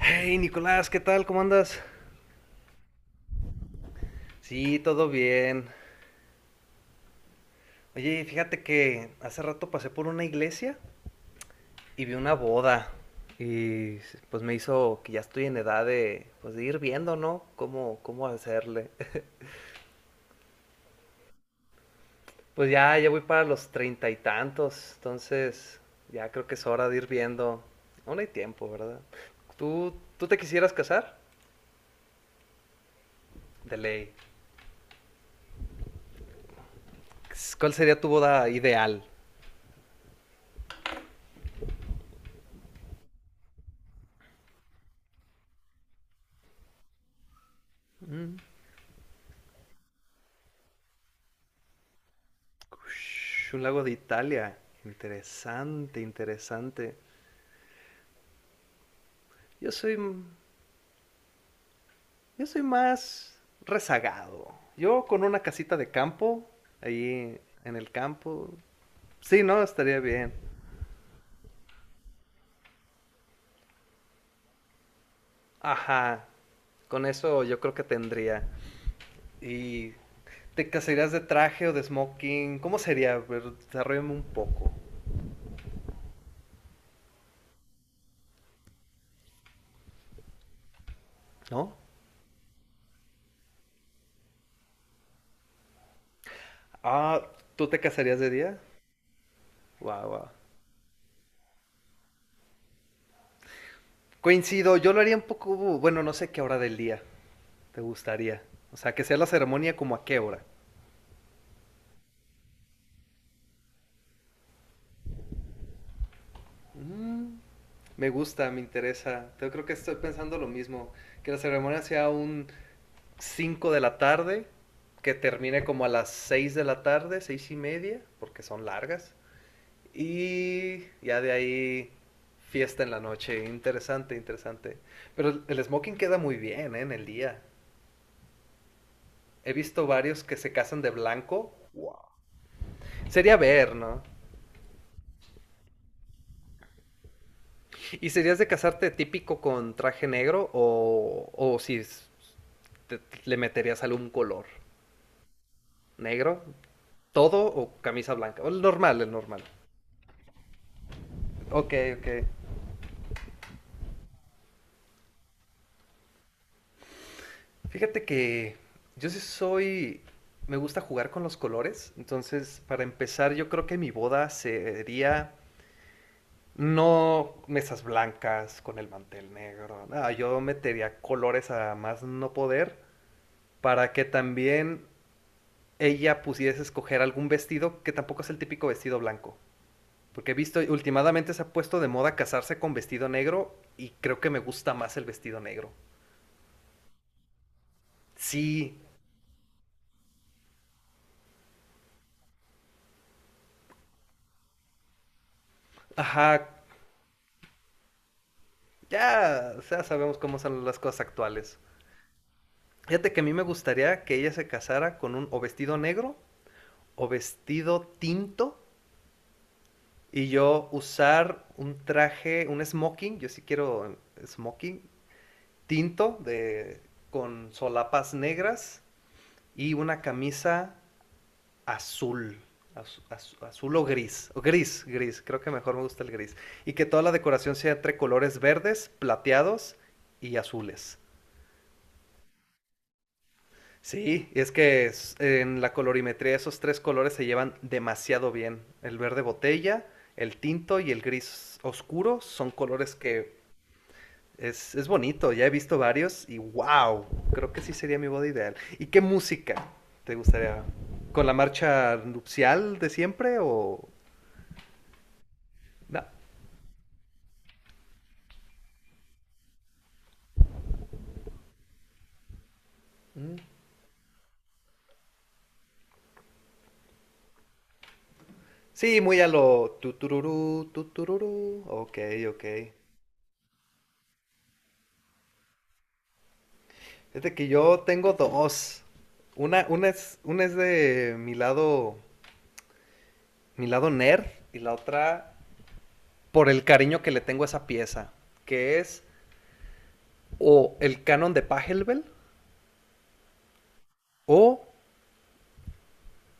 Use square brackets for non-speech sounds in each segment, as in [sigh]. Hey Nicolás, ¿qué tal? ¿Cómo andas? Sí, todo bien. Oye, fíjate que hace rato pasé por una iglesia y vi una boda. Y pues me hizo que ya estoy en edad de, pues, de ir viendo, ¿no? Cómo hacerle. [laughs] Pues ya voy para los treinta y tantos. Entonces, ya creo que es hora de ir viendo. Aún hay tiempo, ¿verdad? ¿Tú, tú te quisieras casar? De ley. ¿Cuál sería tu boda ideal? Un lago de Italia. Interesante, interesante. Yo soy, yo soy más rezagado. Yo con una casita de campo, ahí en el campo. Sí, no, estaría bien. Ajá. Con eso yo creo que tendría. ¿Y te casarías de traje o de smoking? ¿Cómo sería? A ver, desarrollame un poco. ¿No? Ah, ¿tú te casarías de día? Wow, wow. Coincido, yo lo haría un poco, bueno, no sé qué hora del día. ¿Te gustaría? O sea, ¿que sea la ceremonia como a qué hora? Mm, me gusta, me interesa. Yo creo que estoy pensando lo mismo. Que la ceremonia sea un 5 de la tarde, que termine como a las 6 de la tarde, 6:30, porque son largas. Y ya de ahí fiesta en la noche. Interesante, interesante. Pero el smoking queda muy bien, ¿eh? En el día. He visto varios que se casan de blanco. Sería ver, ¿no? ¿Y serías de casarte típico con traje negro o si te- le meterías algún color? ¿Negro? ¿Todo o camisa blanca? O el normal, el normal. Ok, ok. Fíjate que yo sí soy... me gusta jugar con los colores. Entonces, para empezar, yo creo que mi boda sería... no mesas blancas con el mantel negro. No, yo metería colores a más no poder para que también ella pudiese escoger algún vestido que tampoco es el típico vestido blanco. Porque he visto, últimamente se ha puesto de moda casarse con vestido negro y creo que me gusta más el vestido negro. Sí, ajá, ya sabemos cómo son las cosas actuales. Fíjate que a mí me gustaría que ella se casara con un o vestido negro o vestido tinto, y yo usar un traje, un smoking, yo sí quiero smoking, tinto de, con solapas negras y una camisa azul. Azul o gris, creo que mejor me gusta el gris. Y que toda la decoración sea entre colores verdes, plateados y azules. Sí, es que en la colorimetría esos tres colores se llevan demasiado bien. El verde botella, el tinto y el gris oscuro son colores que... Es bonito, ya he visto varios y wow, creo que sí sería mi boda ideal. ¿Y qué música te gustaría? ¿Con la marcha nupcial de siempre o...? No. Sí, muy a lo tutururú, tutururú. Ok, ok. Es de que yo tengo dos. Una es de mi lado nerd, y la otra por el cariño que le tengo a esa pieza, que es o el canon de Pachelbel o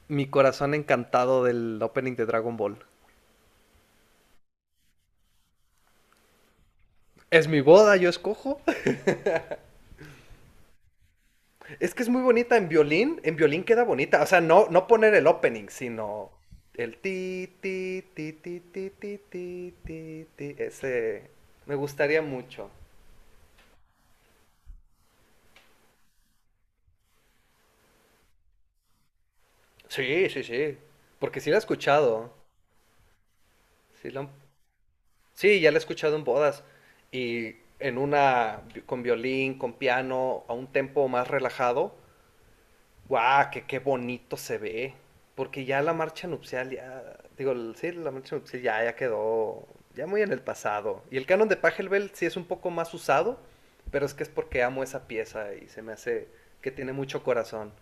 mi corazón encantado del opening de Dragon Ball. Es mi boda, yo escojo. [laughs] Es que es muy bonita en violín. En violín queda bonita. O sea, no poner el opening, sino el ti, ti, ti, ti, ti, ti, ti, ti, ti. Ese me gustaría mucho. Sí, sí, sí. Porque sí la he escuchado. Sí, sí, ya la he escuchado en bodas. Y en una con violín, con piano, a un tempo más relajado, guau, qué bonito se ve. Porque ya la marcha nupcial, ya, digo, sí, la marcha nupcial ya quedó ya muy en el pasado. Y el canon de Pachelbel sí es un poco más usado, pero es que es porque amo esa pieza y se me hace que tiene mucho corazón.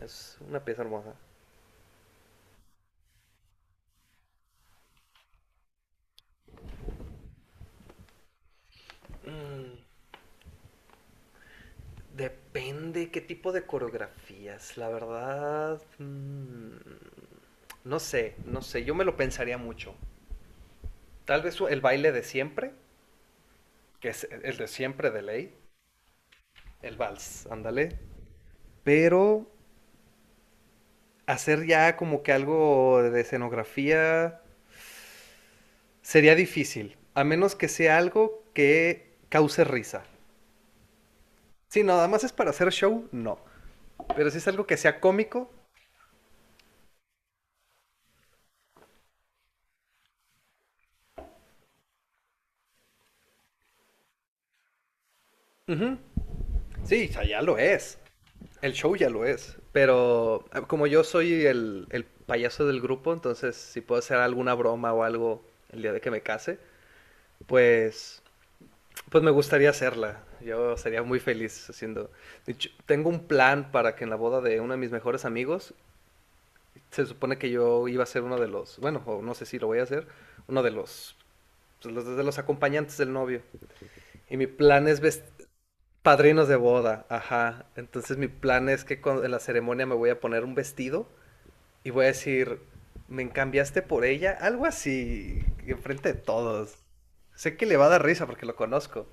Es una pieza hermosa. Mm, depende qué tipo de coreografías, la verdad. Mm, no sé, yo me lo pensaría mucho. Tal vez el baile de siempre, que es el de siempre de ley. El vals, ándale. Pero hacer ya como que algo de escenografía sería difícil, a menos que sea algo que cause risa. Si nada más es para hacer show, no. Pero si es algo que sea cómico, ujú, sí, o sea, ya lo es. El show ya lo es. Pero como yo soy el payaso del grupo, entonces si puedo hacer alguna broma o algo el día de que me case, pues Pues me gustaría hacerla. Yo sería muy feliz haciendo. De hecho, tengo un plan para que en la boda de uno de mis mejores amigos, se supone que yo iba a ser uno de los, bueno, o no sé si lo voy a hacer, uno de los, pues, de los acompañantes del novio. Y mi plan es padrinos de boda, ajá. Entonces mi plan es que en la ceremonia me voy a poner un vestido y voy a decir, me cambiaste por ella, algo así, enfrente de todos. Sé que le va a dar risa porque lo conozco.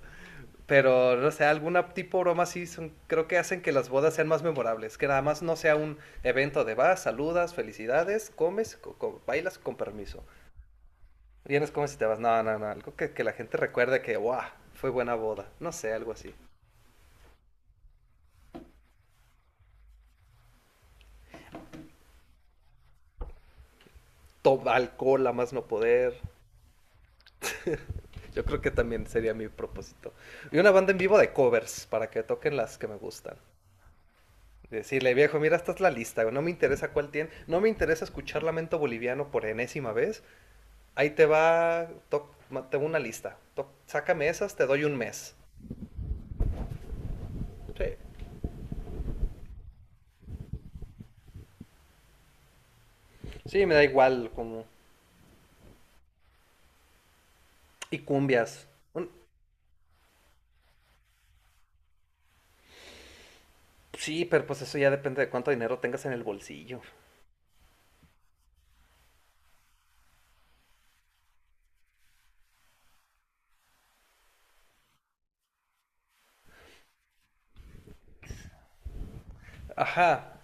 Pero, no sé, alguna tipo broma sí son, creo que hacen que las bodas sean más memorables, que nada más no sea un evento de vas, saludas, felicidades, comes, bailas con permiso. Vienes, comes y te vas. No, no, no, algo que la gente recuerde que, wow, fue buena boda. No sé, algo así. Toma alcohol a más no poder. Yo creo que también sería mi propósito. Y una banda en vivo de covers para que toquen las que me gustan. Decirle, viejo, mira, esta es la lista, güey, no me interesa cuál tiene, no me interesa escuchar Lamento Boliviano por enésima vez, ahí te va, toc, tengo una lista. Toc, sácame esas, te doy un mes. Sí. Sí, me da igual como... Y cumbias. Un- Sí, pero pues eso ya depende de cuánto dinero tengas en el bolsillo. Ajá.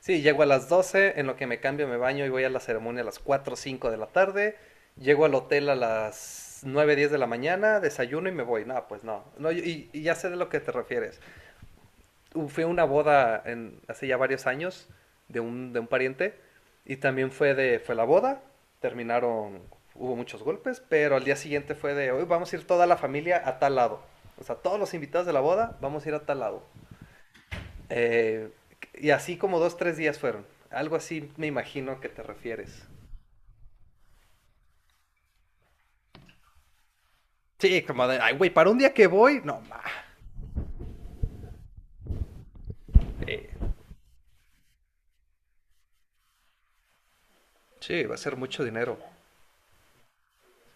Sí, llego a las 12 en lo que me cambio, me baño y voy a la ceremonia a las cuatro o 5 de la tarde. Llego al hotel a las 9:10 de la mañana, desayuno y me voy. No, pues no. No, y ya sé de lo que te refieres. Fui a una boda hace ya varios años de un pariente y también fue la boda, terminaron, hubo muchos golpes, pero al día siguiente hoy vamos a ir toda la familia a tal lado. O sea, todos los invitados de la boda, vamos a ir a tal lado. Eh, y así como dos, tres días fueron. Algo así me imagino que te refieres. Sí, como de, ay, güey, para un día que voy, no, ma. Eh, sí, va a ser mucho dinero.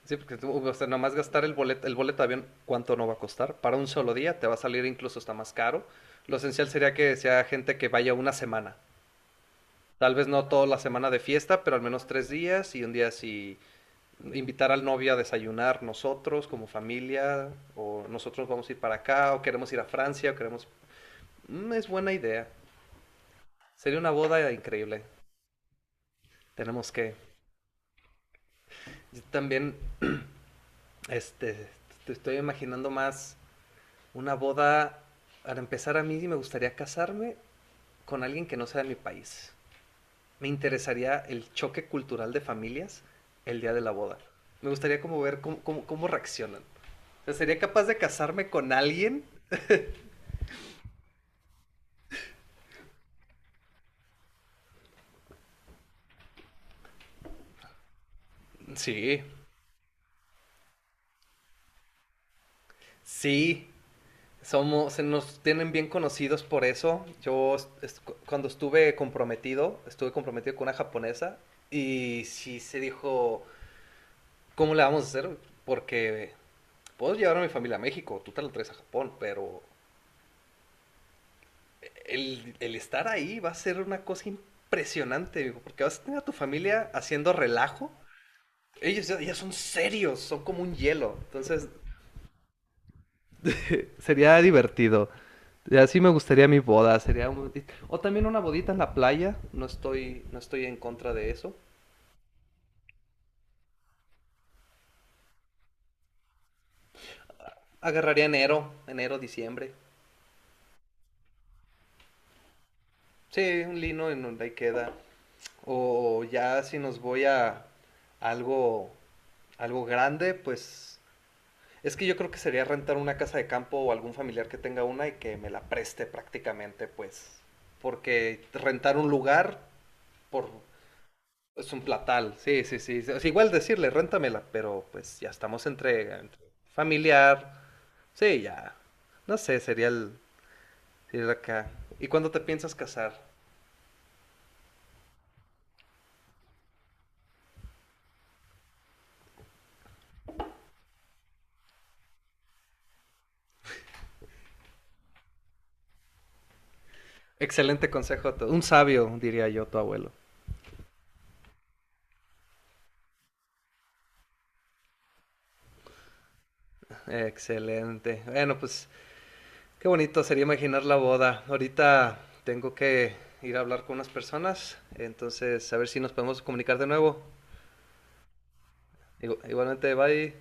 Sí, porque tú, o sea, nomás gastar el boleto de avión, ¿cuánto no va a costar? Para un solo día te va a salir incluso hasta más caro. Lo esencial sería que sea gente que vaya una semana. Tal vez no toda la semana de fiesta, pero al menos 3 días y un día si invitar al novio a desayunar nosotros como familia, o nosotros vamos a ir para acá, o queremos ir a Francia, o queremos... Mm, es buena idea. Sería una boda increíble. Tenemos que... Yo también, este, te estoy imaginando más una boda. Para empezar, a mí me gustaría casarme con alguien que no sea de mi país. Me interesaría el choque cultural de familias el día de la boda. Me gustaría como ver cómo reaccionan. O sea, ¿sería capaz de casarme con alguien? Sí, sí. Somos, se nos tienen bien conocidos por eso. Yo cuando estuve comprometido con una japonesa y sí se dijo, ¿cómo le vamos a hacer? Porque puedo llevar a mi familia a México, tú te lo traes a Japón, pero el estar ahí va a ser una cosa impresionante, digo, porque vas a tener a tu familia haciendo relajo. Ellos ya son serios, son como un hielo, entonces sería divertido. Así me gustaría mi boda, sería o también una bodita en la playa, no estoy en contra de eso. Agarraría enero, diciembre. Sí, un lino en donde ahí queda. O ya si nos voy a algo algo grande, pues es que yo creo que sería rentar una casa de campo o algún familiar que tenga una y que me la preste prácticamente, pues. Porque rentar un lugar por es un platal. Sí, sí, sí. Es igual decirle, réntamela, pero pues ya estamos entre familiar. Sí, ya. No sé, sería el ir acá. ¿Y cuándo te piensas casar? Excelente consejo, un sabio, diría yo, tu abuelo. Excelente. Bueno, pues qué bonito sería imaginar la boda. Ahorita tengo que ir a hablar con unas personas, entonces a ver si nos podemos comunicar de nuevo. Igualmente, bye.